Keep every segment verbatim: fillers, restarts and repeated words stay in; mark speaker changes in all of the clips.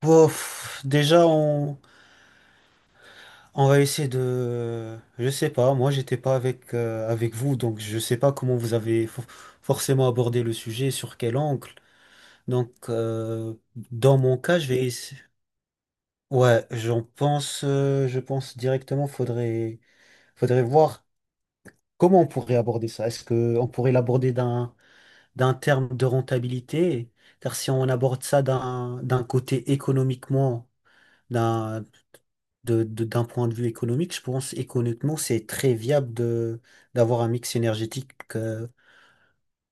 Speaker 1: Bof, déjà, on, on va essayer de... Je sais pas, moi, j'étais pas avec, euh, avec vous, donc je sais pas comment vous avez fo- forcément abordé le sujet, sur quel angle. Donc, euh, dans mon cas, je vais essayer... Ouais, j'en pense, euh, je pense directement, faudrait, faudrait voir comment on pourrait aborder ça. Est-ce que on pourrait l'aborder d'un, d'un terme de rentabilité? Car si on aborde ça d'un, d'un côté économiquement d'un de- de- d'un point de vue économique, je pense économiquement, c'est très viable de d'avoir un mix énergétique euh,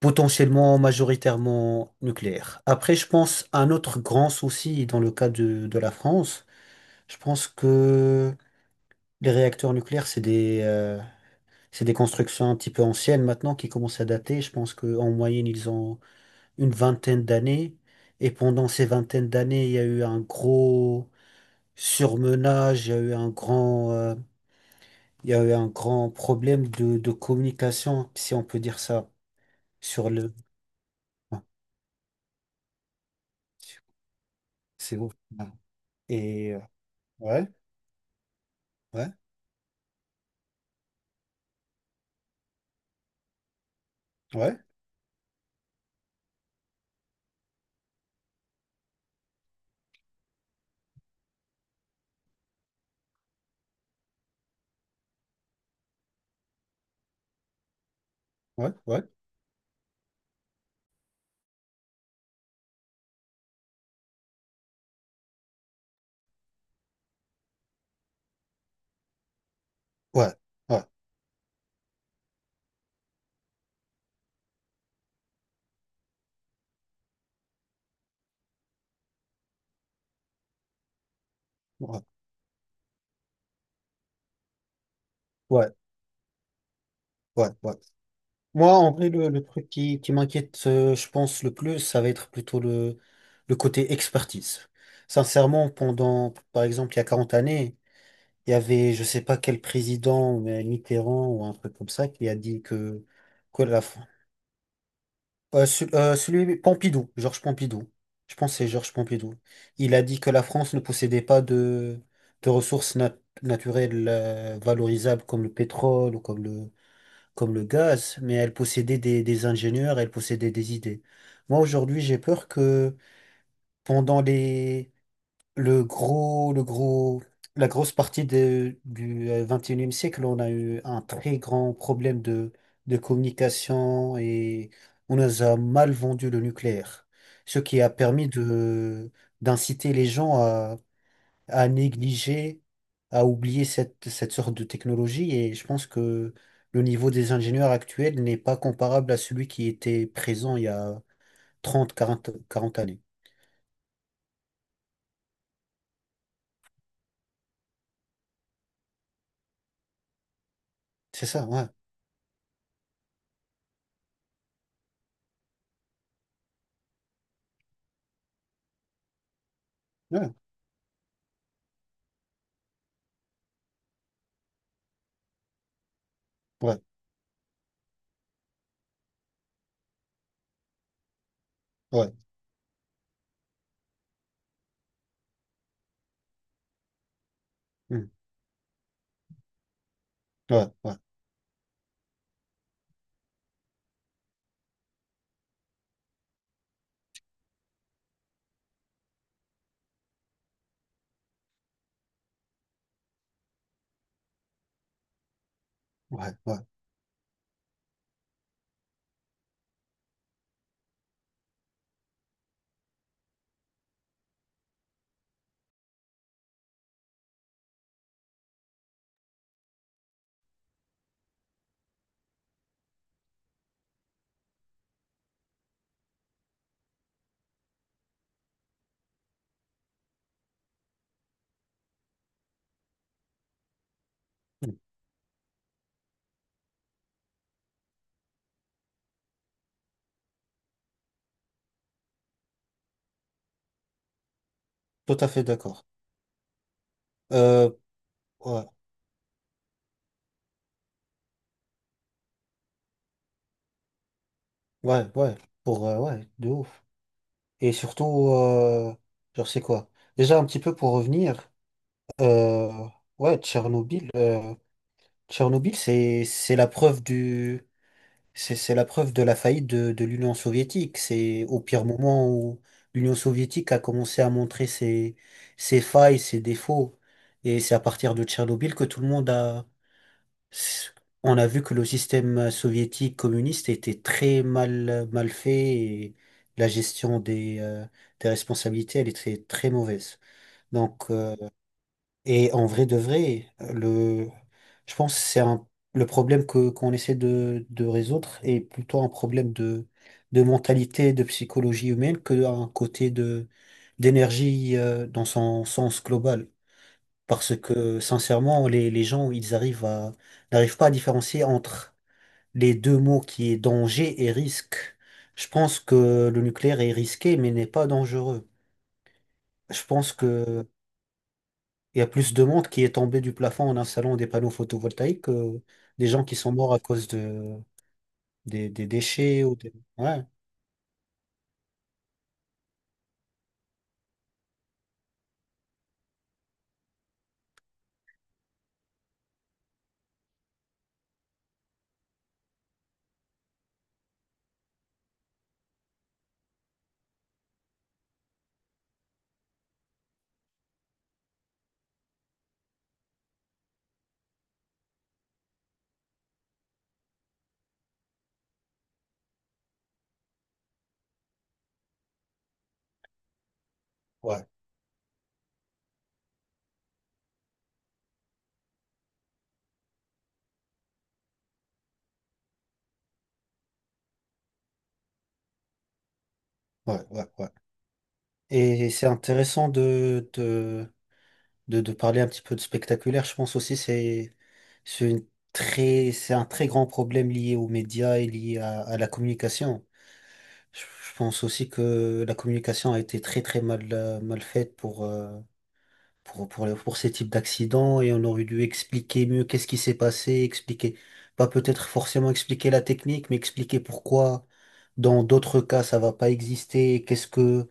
Speaker 1: potentiellement majoritairement nucléaire. Après, je pense un autre grand souci dans le cas de, de la France, je pense que les réacteurs nucléaires, c'est des euh, c'est des constructions un petit peu anciennes maintenant qui commencent à dater. Je pense qu'en moyenne, ils ont une vingtaine d'années. Et pendant ces vingtaines d'années, il y a eu un gros surmenage, il y a eu un grand euh, il y a eu un grand problème de, de communication, si on peut dire ça, sur le... Ouais. C'est ouf. Ouais. Et euh, ouais, ouais, ouais, ouais, ouais, ouais, ouais, ouais, ouais, ouais, ouais. Moi, en vrai, le, le truc qui, qui m'inquiète, euh, je pense, le plus, ça va être plutôt le, le côté expertise. Sincèrement, pendant, par exemple, il y a quarante années, il y avait, je sais pas quel président, mais Mitterrand ou un truc comme ça, qui a dit que, que la, Euh, ce- euh, celui Pompidou, Georges Pompidou. Je pense que c'est Georges Pompidou. Il a dit que la France ne possédait pas de, de ressources nat- naturelles euh, valorisables comme le pétrole ou comme le, comme le gaz, mais elle possédait des, des ingénieurs, elle possédait des idées. Moi, aujourd'hui, j'ai peur que pendant les, le gros, le gros, la grosse partie de- du euh, vingt et unième siècle, on a eu un très grand problème de, de communication et on nous a mal vendu le nucléaire, ce qui a permis de, d'inciter les gens à, à négliger, à oublier cette, cette sorte de technologie et je pense que le niveau des ingénieurs actuels n'est pas comparable à celui qui était présent il y a trente, quarante, quarante années. C'est ça, ouais. Ouais, ouais, ouais. Mmh. Ouais, ouais, ouais, ouais. Mm. Tout à fait d'accord. Euh, ouais, ouais, ouais. Pour, euh, ouais, de ouf. Et surtout, euh, genre, c'est quoi? Déjà, un petit peu pour revenir, euh, ouais, Tchernobyl, euh, Tchernobyl, c'est, c'est la preuve du, c'est, c'est la preuve de la faillite de, de l'Union soviétique. C'est au pire moment où l'Union soviétique a commencé à montrer ses, ses failles, ses défauts. Et c'est à partir de Tchernobyl que tout le monde On a vu que le système euh, soviétique communiste était très mal, euh, mal fait et la gestion des, euh, des responsabilités, elle était très mauvaise. Donc, euh, et en vrai de vrai, le, je pense que c'est un, le problème que, qu'on essaie de, de résoudre est plutôt un problème de, de mentalité, de psychologie humaine que un côté de, d'énergie, euh, dans son sens global. Parce que sincèrement, les, les gens, ils arrivent à, n'arrivent pas à différencier entre les deux mots qui est danger et risque. Je pense que le nucléaire est risqué, mais n'est pas dangereux. Je pense que il y a plus de monde qui est tombé du plafond en installant des panneaux photovoltaïques que des gens qui sont morts à cause de, des, des déchets ou des... Ouais, ouais, ouais, ouais, ouais. Et c'est intéressant de, de, de, de parler un petit peu de spectaculaire, je pense aussi c'est c'est une très c'est un très grand problème lié aux médias et lié à, à la communication. Je, je pense aussi que la communication a été très très mal euh, mal faite pour euh, pour pour, les- pour ces types d'accidents et on aurait dû expliquer mieux qu'est-ce qui s'est passé, expliquer pas peut-être forcément expliquer la technique, mais expliquer pourquoi dans d'autres cas ça va pas exister, qu'est-ce que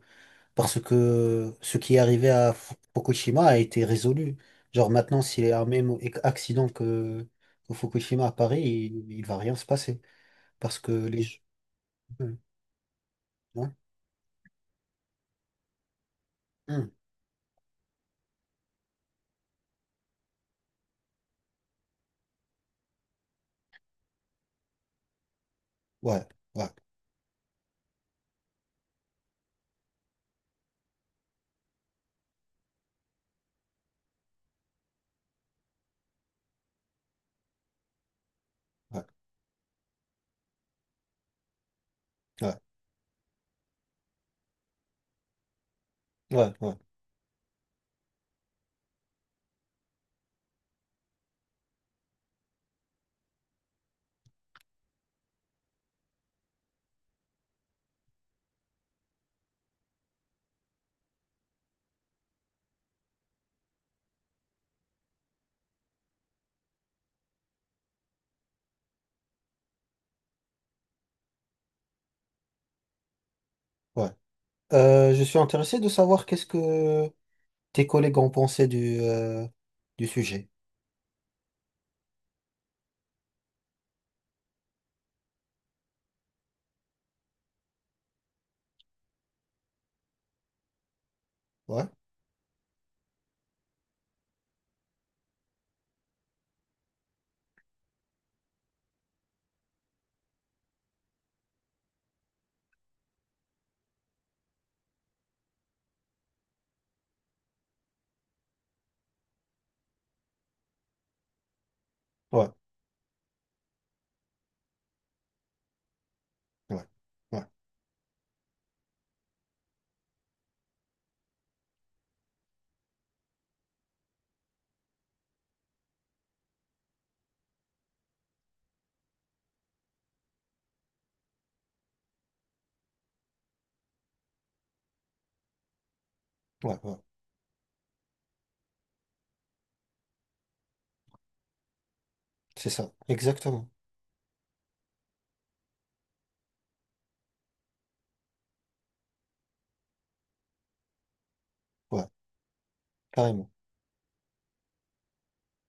Speaker 1: parce que ce qui est arrivé à Fu- Fukushima a été résolu. Genre maintenant, s'il y a un même ac- accident que, que Fukushima à Paris, il, il va rien se passer. Parce que les... Hmm. Ouais, hmm, ouais, ouais, ouais, ouais, ouais, ouais, ouais. Euh, je suis intéressé de savoir qu'est-ce que tes collègues ont pensé du, euh, du sujet. Ouais, ouais, ouais, ouais, ouais, ouais. C'est ça, exactement. Ouais, carrément.